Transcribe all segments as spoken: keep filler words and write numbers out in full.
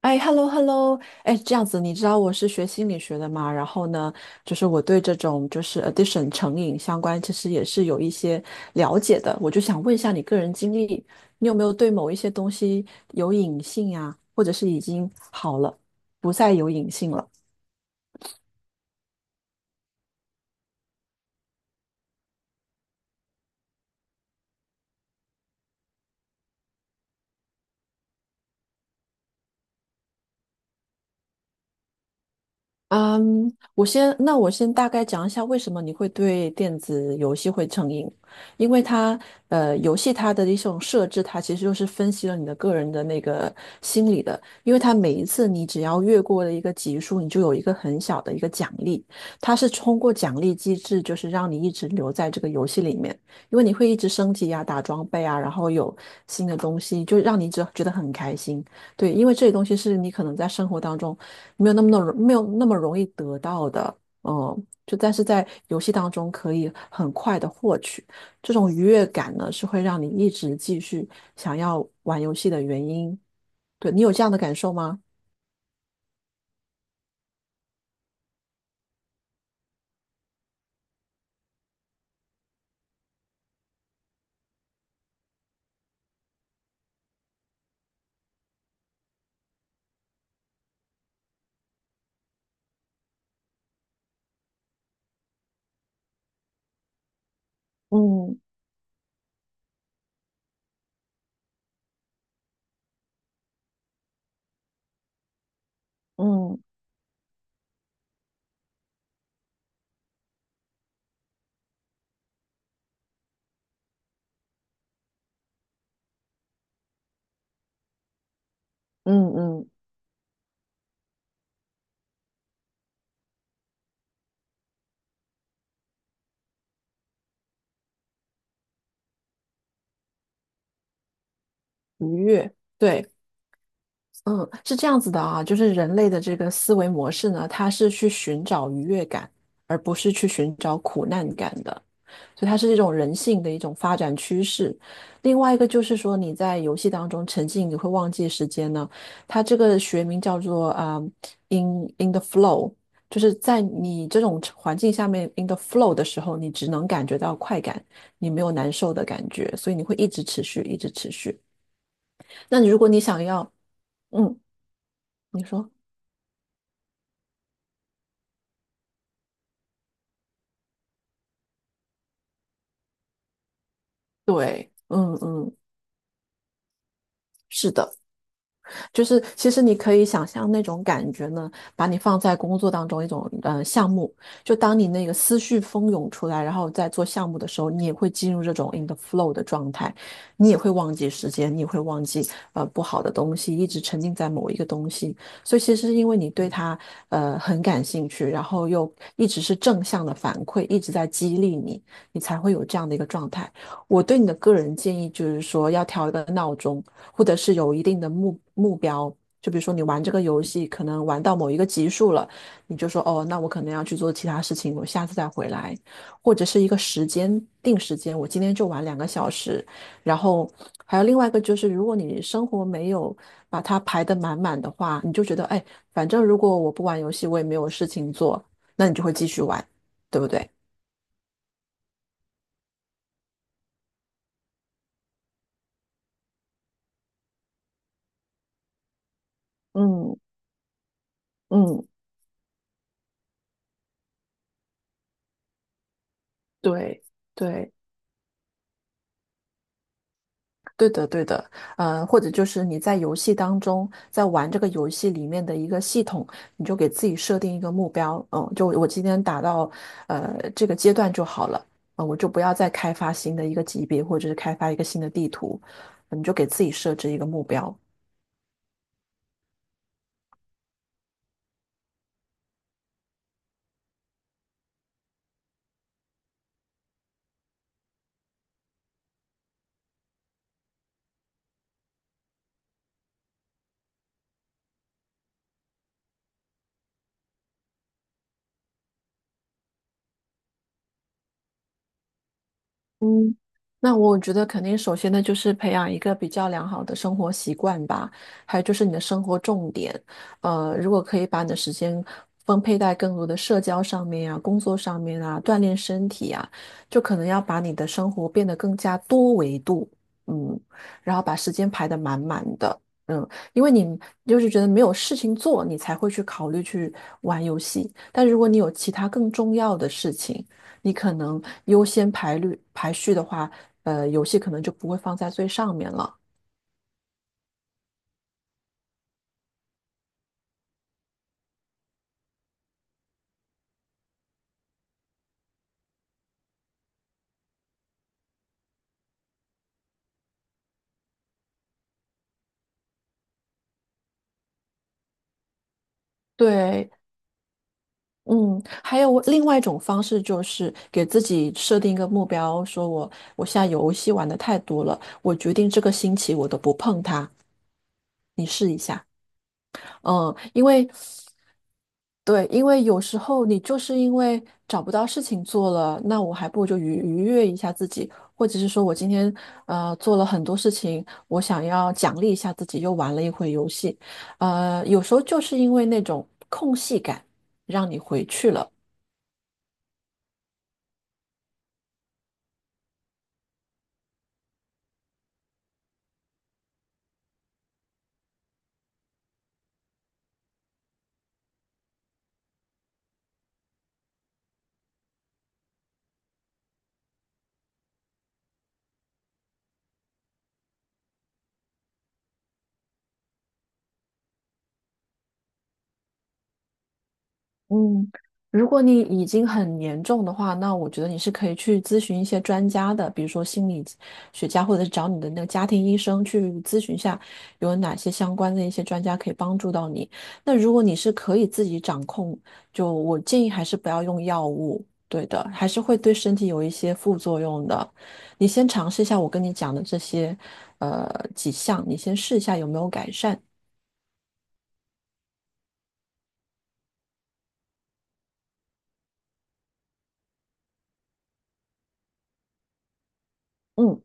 哎，hello hello。哎，这样子，你知道我是学心理学的嘛？然后呢，就是我对这种就是 addiction 成瘾相关，其实也是有一些了解的。我就想问一下你个人经历，你有没有对某一些东西有瘾性呀？或者是已经好了，不再有瘾性了？嗯，我先，那我先大概讲一下为什么你会对电子游戏会成瘾。因为它，呃，游戏它的一种设置，它其实就是分析了你的个人的那个心理的。因为它每一次你只要越过了一个级数，你就有一个很小的一个奖励。它是通过奖励机制，就是让你一直留在这个游戏里面。因为你会一直升级啊、打装备啊，然后有新的东西，就让你只觉得很开心。对，因为这些东西是你可能在生活当中，没有那么那么没有那么容易得到的。嗯，就但是在游戏当中可以很快的获取这种愉悦感呢，是会让你一直继续想要玩游戏的原因。对，你有这样的感受吗？嗯嗯嗯嗯，愉悦，对。嗯，是这样子的啊，就是人类的这个思维模式呢，它是去寻找愉悦感，而不是去寻找苦难感的。所以它是这种人性的一种发展趋势。另外一个就是说，你在游戏当中沉浸，你会忘记时间呢。它这个学名叫做啊、呃 in in the flow。就是在你这种环境下面 in the flow 的时候，你只能感觉到快感，你没有难受的感觉，所以你会一直持续，一直持续。那你如果你想要，嗯，你说。对，嗯嗯，是的。就是其实你可以想象那种感觉呢，把你放在工作当中一种呃项目，就当你那个思绪蜂涌出来，然后在做项目的时候，你也会进入这种 in the flow 的状态，你也会忘记时间，你也会忘记呃不好的东西，一直沉浸在某一个东西。所以其实是因为你对它呃很感兴趣，然后又一直是正向的反馈，一直在激励你，你才会有这样的一个状态。我对你的个人建议就是说，要调一个闹钟，或者是有一定的目目标。就比如说，你玩这个游戏，可能玩到某一个级数了，你就说，哦，那我可能要去做其他事情，我下次再回来。或者是一个时间定时间，我今天就玩两个小时。然后还有另外一个就是，如果你生活没有把它排得满满的话，你就觉得，哎，反正如果我不玩游戏，我也没有事情做，那你就会继续玩，对不对？嗯嗯，对对。对的，对的。呃，或者就是你在游戏当中，在玩这个游戏里面的一个系统，你就给自己设定一个目标。嗯，就我今天打到呃这个阶段就好了，啊、我就不要再开发新的一个级别，或者是开发一个新的地图。嗯你就给自己设置一个目标。嗯，那我觉得肯定，首先呢，就是培养一个比较良好的生活习惯吧，还有就是你的生活重点。呃，如果可以把你的时间分配在更多的社交上面啊、工作上面啊、锻炼身体啊，就可能要把你的生活变得更加多维度。嗯，然后把时间排得满满的。嗯，因为你就是觉得没有事情做，你才会去考虑去玩游戏。但如果你有其他更重要的事情，你可能优先排率排序的话，呃，游戏可能就不会放在最上面了。对。嗯，还有我另外一种方式就是给自己设定一个目标，说我我现在游戏玩的太多了，我决定这个星期我都不碰它。嗯，因为对，因为有时候你就是因为找不到事情做了，那我还不如就愉愉悦一下自己。或者是说我今天呃做了很多事情，我想要奖励一下自己，又玩了一会游戏。呃，有时候就是因为那种空隙感，让你回去了。嗯，如果你已经很严重的话，那我觉得你是可以去咨询一些专家的，比如说心理学家，或者是找你的那个家庭医生去咨询一下，有哪些相关的一些专家可以帮助到你。那如果你是可以自己掌控，就我建议还是不要用药物。对的，还是会对身体有一些副作用的。你先尝试一下我跟你讲的这些，呃，几项，你先试一下有没有改善。嗯。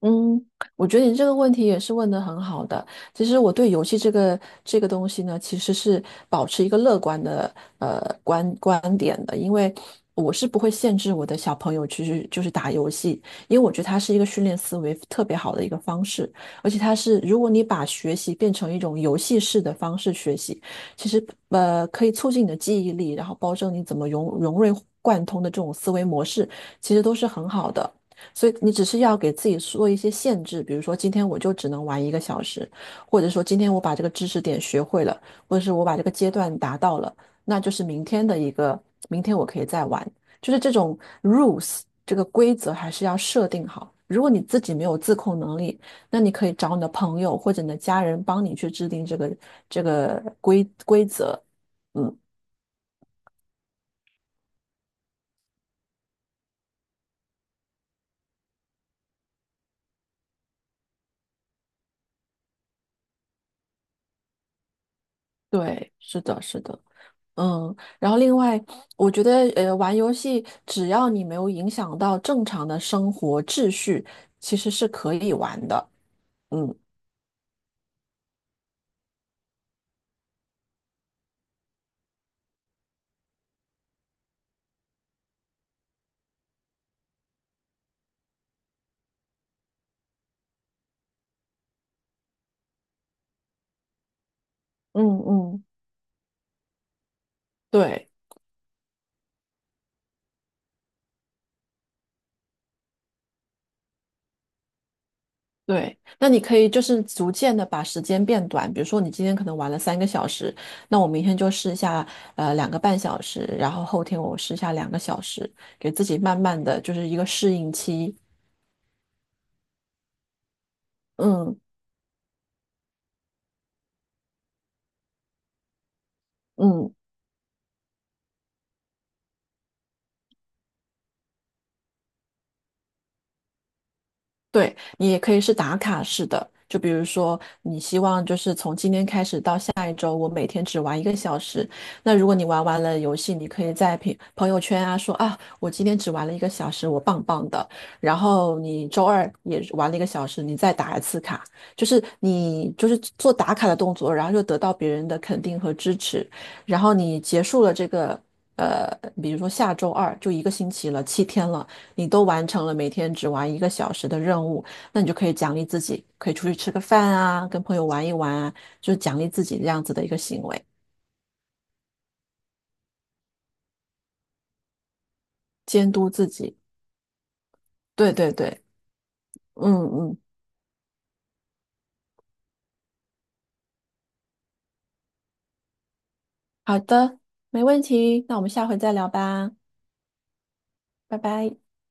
嗯，我觉得你这个问题也是问得很好的。其实我对游戏这个这个东西呢，其实是保持一个乐观的呃观观点的。因为我是不会限制我的小朋友其实就是打游戏，因为我觉得它是一个训练思维特别好的一个方式，而且它是如果你把学习变成一种游戏式的方式学习，其实呃可以促进你的记忆力，然后保证你怎么融融会贯通的这种思维模式，其实都是很好的。所以你只是要给自己做一些限制，比如说今天我就只能玩一个小时，或者说今天我把这个知识点学会了，或者是我把这个阶段达到了，那就是明天的一个，明天我可以再玩。就是这种 rules 这个规则还是要设定好。如果你自己没有自控能力，那你可以找你的朋友或者你的家人帮你去制定这个这个规规则。嗯。对，是的，是的。嗯，然后另外，我觉得呃，玩游戏只要你没有影响到正常的生活秩序，其实是可以玩的。嗯，嗯嗯，对对。那你可以就是逐渐的把时间变短，比如说你今天可能玩了三个小时，那我明天就试一下呃两个半小时，然后后天我试一下两个小时，给自己慢慢的就是一个适应期。嗯嗯。对，你也可以是打卡式的，就比如说你希望就是从今天开始到下一周，我每天只玩一个小时。那如果你玩完了游戏，你可以在朋朋友圈啊说啊，我今天只玩了一个小时，我棒棒的。然后你周二也玩了一个小时，你再打一次卡，就是你就是做打卡的动作，然后又得到别人的肯定和支持。然后你结束了这个呃，比如说下周二就一个星期了，七天了。你都完成了每天只玩一个小时的任务，那你就可以奖励自己，可以出去吃个饭啊，跟朋友玩一玩啊，就是奖励自己这样子的一个行为，监督自己。对对对，嗯嗯。好的，没问题，那我们下回再聊吧。拜拜。